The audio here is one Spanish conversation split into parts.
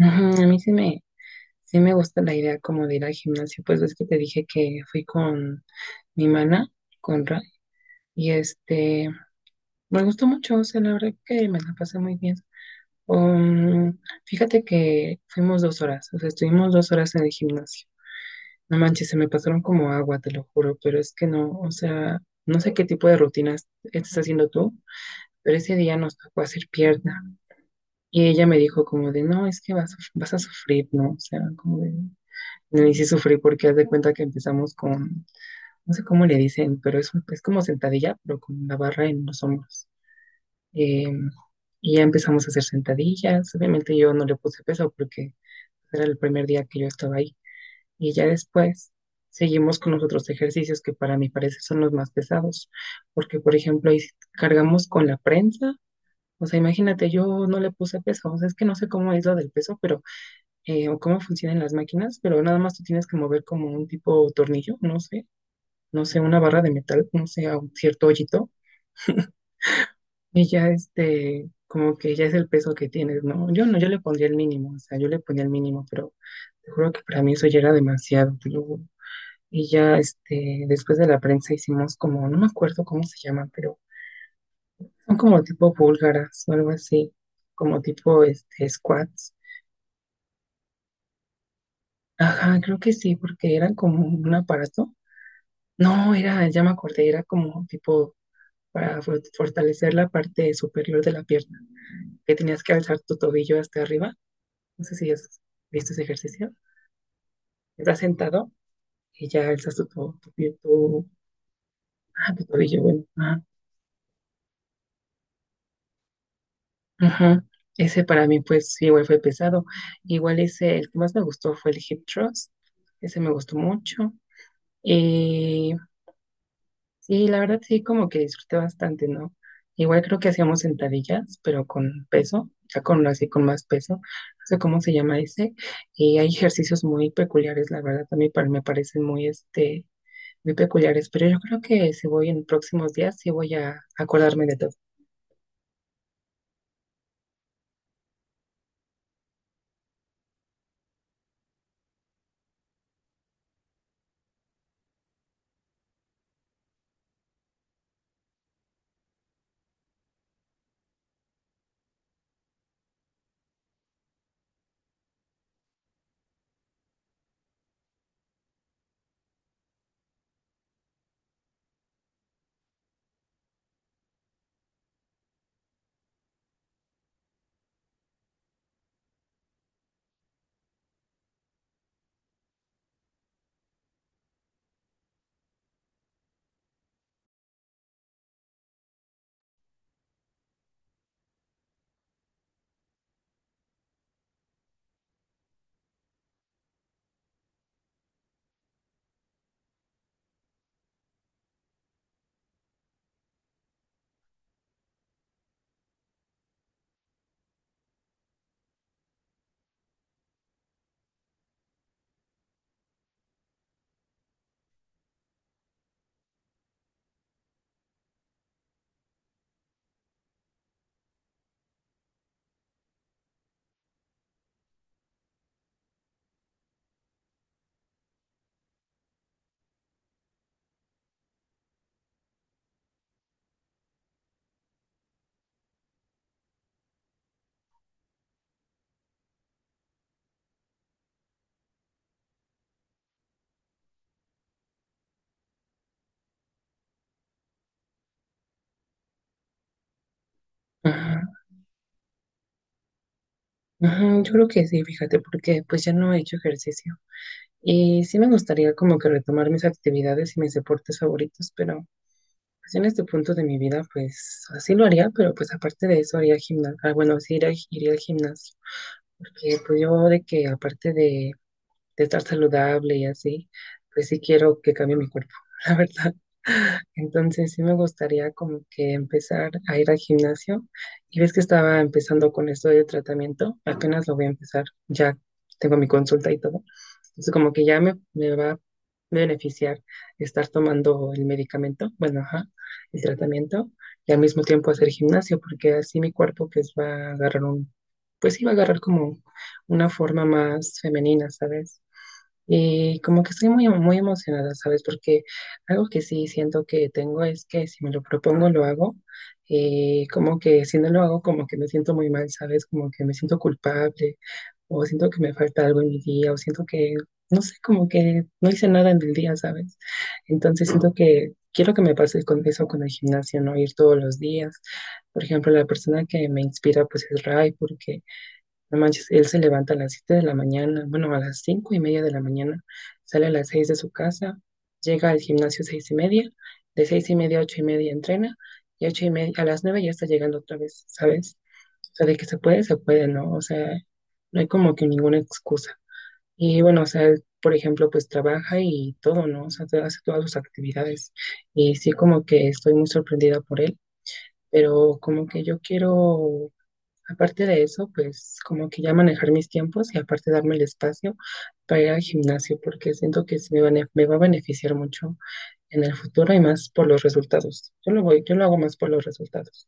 Ajá, a sí me gusta la idea como de ir al gimnasio, pues ves que te dije que fui con mi mana, con Ra, y este, me gustó mucho, o sea, la verdad que me la pasé muy bien. Um, Fíjate que fuimos 2 horas, o sea, estuvimos 2 horas en el gimnasio. No manches, se me pasaron como agua, te lo juro, pero es que no, o sea, no sé qué tipo de rutinas estás haciendo tú, pero ese día nos tocó hacer pierna. Y ella me dijo como de, no, es que vas, a- vas a sufrir, ¿no? O sea, como de... No, y sí sufrí porque haz de cuenta que empezamos con, no sé cómo le dicen, pero es como sentadilla, pero con la barra en los hombros. Eh, y ya empezamos a hacer sentadillas. Obviamente yo no le puse peso porque era el primer día que yo estaba ahí. Y ya después seguimos con los otros ejercicios que para mi parecer son los más pesados. Porque, por ejemplo, ahí cargamos con la prensa. O sea, imagínate, yo no le puse peso. O sea, es que no sé cómo es lo del peso, pero o cómo funcionan las máquinas, pero nada más tú tienes que mover como un tipo tornillo, no sé, una barra de metal, no sé, a un cierto hoyito, y ya este, como que ya es el peso que tienes, ¿no? Yo le pondría el mínimo, o sea, yo le ponía el mínimo, pero te juro que para mí eso ya era demasiado, te lo juro. Y ya este, después de la prensa hicimos como, no me acuerdo cómo se llaman, pero son como tipo búlgaras o algo así, como tipo este, squats. Ajá, creo que sí, porque eran como un aparato. No, era, ya me acordé, era como tipo fortalecer la parte superior de la pierna, que tenías que alzar tu tobillo hasta arriba. No sé si has visto ese ejercicio. Estás sentado y ya alzas tu, to- tu, pie- tu- ah, tu tobillo, bueno. Ajá. Ese para mí, pues, sí, igual fue pesado. Igual ese, el que más me gustó fue el hip thrust. Ese me gustó mucho. Eh, Sí, la verdad sí, como que disfruté bastante, ¿no? Igual creo que hacíamos sentadillas, pero con peso, ya con así con más peso, no sé cómo se llama ese, y hay ejercicios muy peculiares, la verdad, también para, me parecen muy, este, muy peculiares, pero yo creo que si voy en próximos días, sí voy a acordarme de todo. Ajá, ajá, yo creo que sí, fíjate, porque pues ya no he hecho ejercicio. Y sí me gustaría como que retomar mis actividades y mis deportes favoritos, pero pues en este punto de mi vida, pues así lo haría, pero pues aparte de eso haría gimnasio, bueno, sí iría, iría al gimnasio, porque pues yo de que aparte de estar saludable y así, pues sí quiero que cambie mi cuerpo, la verdad. Entonces sí me gustaría como que empezar a ir al gimnasio. Y ves que estaba empezando con esto de tratamiento, apenas lo voy a empezar, ya tengo mi consulta y todo. Entonces como que ya me va a beneficiar estar tomando el medicamento, bueno, ajá, el tratamiento, y al mismo tiempo hacer gimnasio, porque así mi cuerpo pues va a agarrar un, pues sí va a agarrar como una forma más femenina, ¿sabes? Y como que estoy muy, muy emocionada, ¿sabes? Porque algo que sí siento que tengo es que si me lo propongo, lo hago. Como que si no lo hago, como que me siento muy mal, ¿sabes? Como que me siento culpable o siento que me falta algo en mi día o siento que, no sé, como que no hice nada en el día, ¿sabes? Entonces siento que quiero que me pase con eso, con el gimnasio, ¿no? Ir todos los días. Por ejemplo, la persona que me inspira pues es Ray, porque no manches, él se levanta a las 7 de la mañana, bueno, a las 5:30 de la mañana, sale a las 6 de su casa, llega al gimnasio 6:30, de 6:30 a 8 y media entrena, y 8:30, a las 9 ya está llegando otra vez, ¿sabes? O sea, de que se puede, ¿no? O sea, no hay como que ninguna excusa. Y bueno, o sea, él, por ejemplo, pues trabaja y todo, ¿no? O sea, hace todas sus actividades. Y sí, como que estoy muy sorprendida por él, pero como que yo quiero. Aparte de eso, pues como que ya manejar mis tiempos y aparte darme el espacio para ir al gimnasio, porque siento que sí me va a beneficiar mucho en el futuro y más por los resultados. Yo lo hago más por los resultados.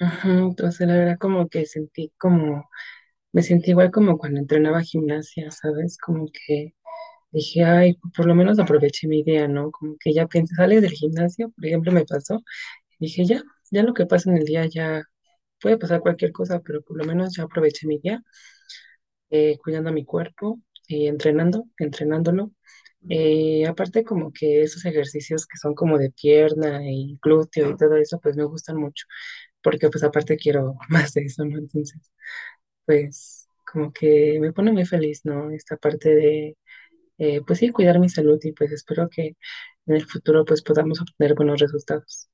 Ujú, entonces la verdad como que sentí como, me sentí igual como cuando entrenaba gimnasia, ¿sabes? Como que dije, ay, por lo menos aproveché mi día, ¿no? Como que ya piensas, sales del gimnasio, por ejemplo, me pasó, dije, ya, ya lo que pasa en el día ya puede pasar cualquier cosa, pero por lo menos ya aproveché mi día, cuidando mi cuerpo y entrenándolo. Aparte como que esos ejercicios que son como de pierna y glúteo y todo eso, pues me gustan mucho, porque pues aparte quiero más de eso, ¿no? Entonces, pues como que me pone muy feliz, ¿no? Esta parte de, pues sí, cuidar mi salud y pues espero que en el futuro pues podamos obtener buenos resultados.